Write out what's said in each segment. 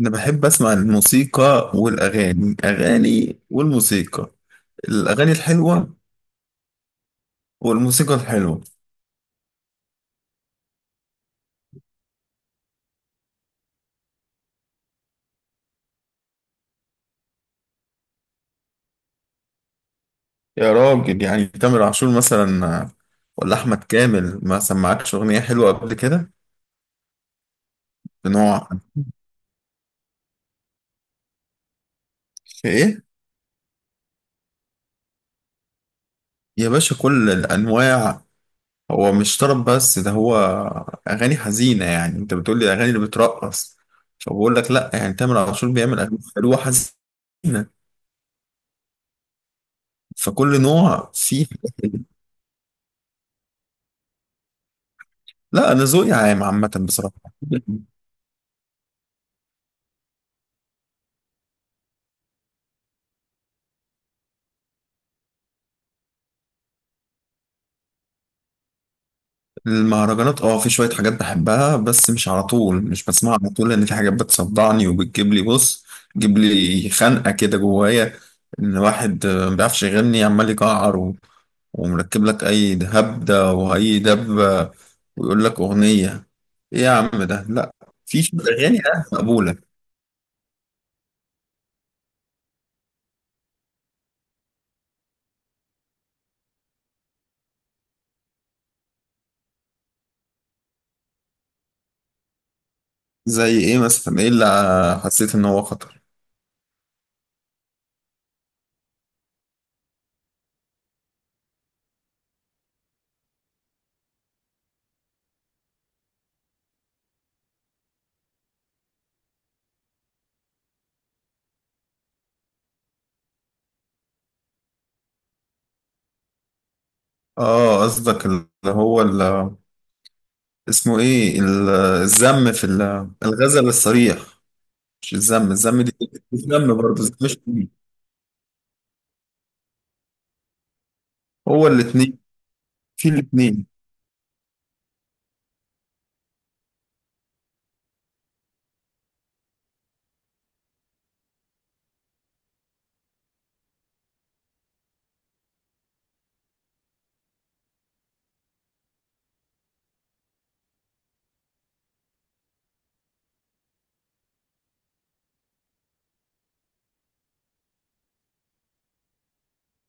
أنا بحب أسمع الموسيقى والأغاني والموسيقى. الأغاني الحلوة والموسيقى الحلوة. يا راجل، يعني تامر عاشور مثلا، ولا أحمد كامل ما سمعكش أغنية حلوة قبل كده؟ بنوع. في إيه؟ يا باشا كل الأنواع. هو مش طرب بس ده، هو أغاني حزينة. يعني أنت بتقولي الأغاني اللي بترقص، فبقول لك لأ، يعني تامر عاشور بيعمل أغاني حلوة حزينة. فكل نوع فيه. لا أنا ذوقي عام، عامة بصراحة. المهرجانات، في شوية حاجات بحبها، بس مش على طول، مش بسمعها على طول، لأن في حاجات بتصدعني، وبتجيب لي، تجيب لي خنقة كده جوايا. إن واحد، ما بيعرفش يغني، عمال يجعر ومركب لك أي هبدة وأي دبة، ويقول لك أغنية. إيه يا عم ده؟ لأ. في شوية أغاني مقبولة. زي إيه مثلا؟ إيه اللي حسيت إن هو خطر؟ آه، قصدك اللي هو، اللي اسمه إيه، الذم في الغزل الصريح؟ مش الذم، الذم دي. الذم، برضه الذم مش كتير. هو الاتنين. في الاتنين.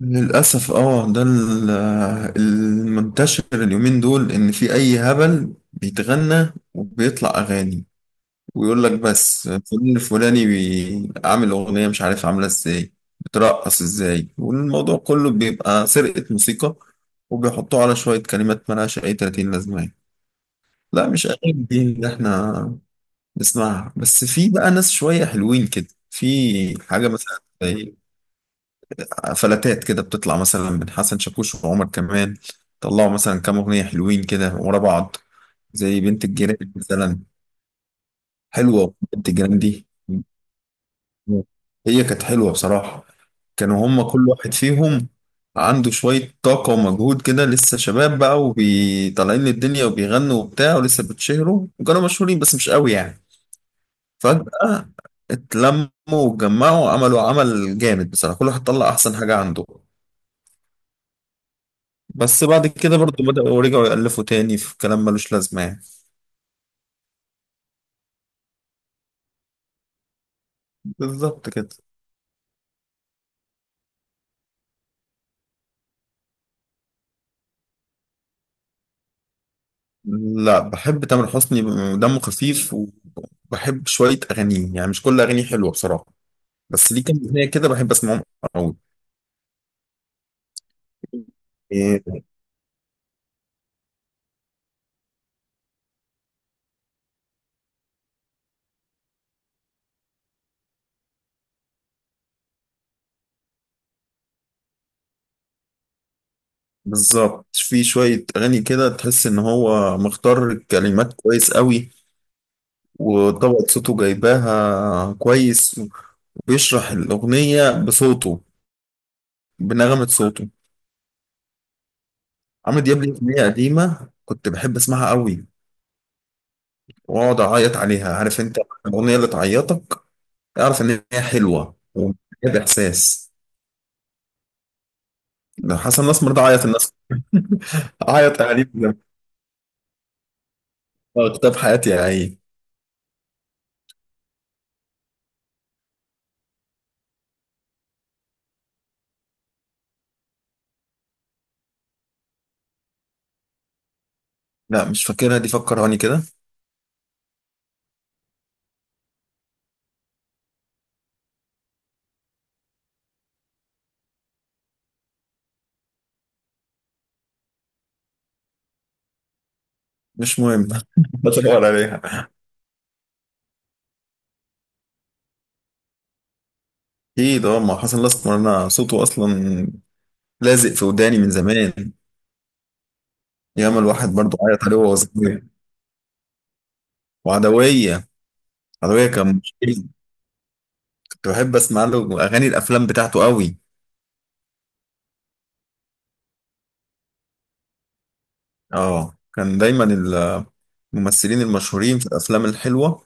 للأسف، ده المنتشر اليومين دول، إن في أي هبل بيتغنى وبيطلع أغاني، ويقول لك بس فلان الفلاني عامل أغنية، مش عارف عاملة ازاي، بترقص ازاي، والموضوع كله بيبقى سرقة موسيقى، وبيحطوه على شوية كلمات ملهاش أي 30 لازمة. لا مش أغاني دي إن احنا نسمعها، بس في بقى ناس شوية حلوين كده، في حاجة مثلا زي فلاتات كده بتطلع مثلا من حسن شاكوش وعمر، كمان طلعوا مثلا كام أغنية حلوين كده ورا بعض. زي بنت الجيران مثلا، حلوة بنت الجيران دي. هي كانت حلوة بصراحة. كانوا هما كل واحد فيهم عنده شوية طاقة ومجهود كده، لسه شباب بقى وطالعين للدنيا وبيغنوا وبتاع، ولسه بتشهروا، وكانوا مشهورين بس مش قوي يعني. فجأة اتلموا واتجمعوا، عملوا عمل جامد بصراحة، كل واحد طلع أحسن حاجة عنده. بس بعد كده برضو بدأوا رجعوا يألفوا تاني في كلام ملوش لازمة يعني. بالظبط كده. لا، بحب تامر حسني، دمه خفيف. وبحب شوية أغانيه، يعني مش كل أغانيه حلوة بصراحة، بس ليه كام أغنية كده بحب أسمعهم أوي. إيه،؟ بالظبط، في شوية أغاني كده تحس إن هو مختار الكلمات كويس أوي، وطبقة صوته جايباها كويس، بيشرح الأغنية بصوته، بنغمة صوته. عمرو دياب ليه أغنية قديمة كنت بحب أسمعها قوي وأقعد أعيط عليها. عارف أنت الأغنية اللي تعيطك؟ أعرف إن هي حلوة ومليانة بإحساس. لو حسن الأسمر ده عيط الناس، أعيط عليه آه، كتاب حياتي يا عيني. لا مش فاكرها دي، فكرهاني كده. مش مهم. بدور عليها. أكيد ما حسن الأسمر أنا صوته أصلا لازق في وداني من زمان. ياما الواحد برضو عيط عليه وهو صغير. وعدوية. عدوية كان مشكلة. كنت بحب اسمع له اغاني الافلام بتاعته قوي. اه، كان دايما الممثلين المشهورين في الافلام الحلوه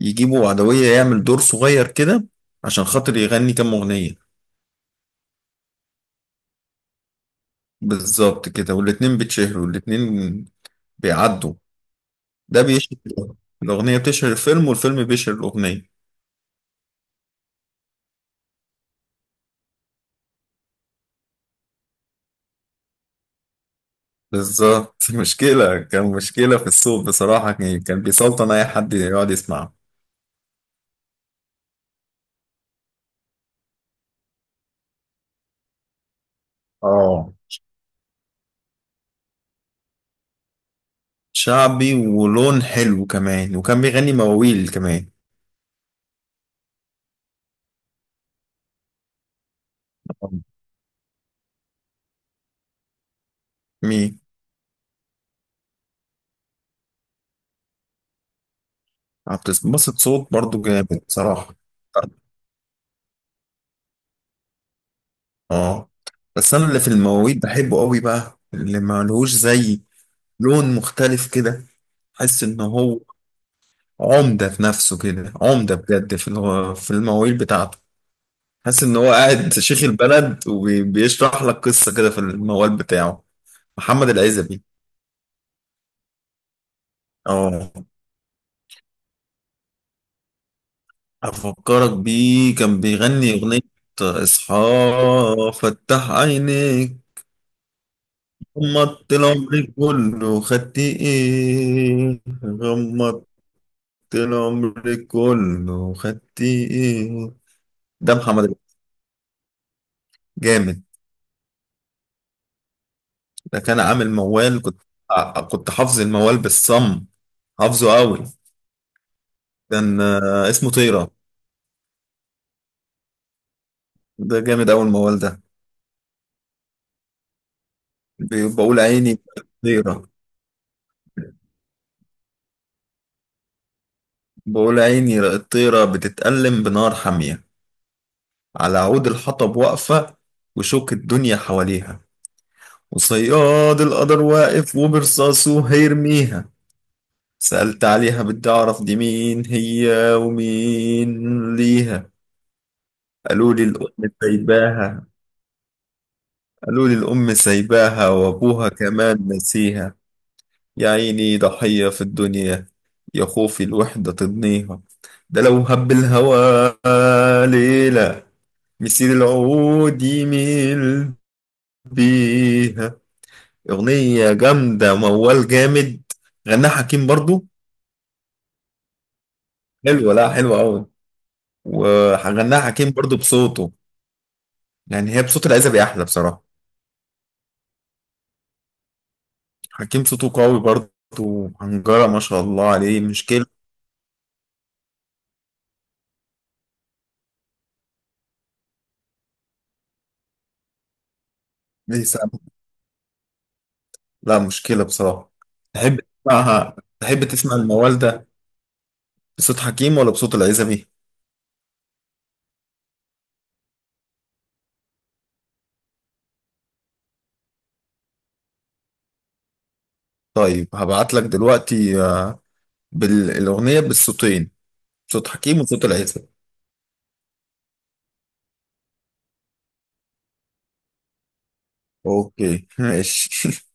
يجيبوا عدويه يعمل دور صغير كده عشان خاطر يغني كام اغنيه. بالظبط كده، والاتنين بيتشهروا والاتنين بيعدوا. ده بيشهر، الاغنيه بتشهر الفيلم والفيلم بيشهر الاغنيه. بالظبط. مشكله، كان مشكله في السوق بصراحه، كان بيسلطن اي حد يقعد يسمعه. اه، شعبي، ولون حلو كمان، وكان بيغني مواويل كمان. مين؟ آه، بتتبسط. صوت برضو جامد صراحة. اه، بس انا اللي في المواويل بحبه قوي بقى، اللي ما لهوش زي، لون مختلف كده. حس ان هو عمدة في نفسه كده، عمدة بجد في في المواويل بتاعته. حس ان هو قاعد شيخ البلد وبيشرح لك قصة كده في الموال بتاعه. محمد العزبي. اه، افكرك بيه، كان بيغني اغنية، اصحى، فتح عينيك، غمضت العمر كله خدت ايه، غمضت العمر كله خدت ايه. ده محمد الغزال. جامد. ده كان عامل موال، كنت حافظ الموال بالصم، حافظه قوي. كان اسمه طيرة. ده جامد أوي الموال ده. بقول عيني طيرة. بقول، عيني الطيرة بتتألم بنار حامية، على عود الحطب واقفة، وشوك الدنيا حواليها، وصياد القدر واقف وبرصاصه هيرميها. سألت عليها، بدي أعرف دي مين هي ومين ليها. قالوا لي الأم سايباها، قالوا لي الأم سايباها وأبوها كمان نسيها. يا عيني ضحية في الدنيا، يا خوفي الوحدة تضنيها. ده لو هب الهوى ليلة، مسير العود يميل بيها. أغنية جامدة، موال جامد. غناها حكيم برضو. حلوة، لا، حلوة قوي. وغناها حكيم برضو بصوته. يعني هي بصوت العزبي احلى بصراحة. حكيم صوته قوي برضو، وحنجرة ما شاء الله عليه، مشكلة. بيسمع- لا مشكلة بصراحة. تحب تسمعها، تحب تسمع الموالدة بصوت حكيم ولا بصوت العزبي؟ طيب هبعت لك دلوقتي بالأغنية بالصوتين، صوت حكيم وصوت العزبي. اوكي ماشي.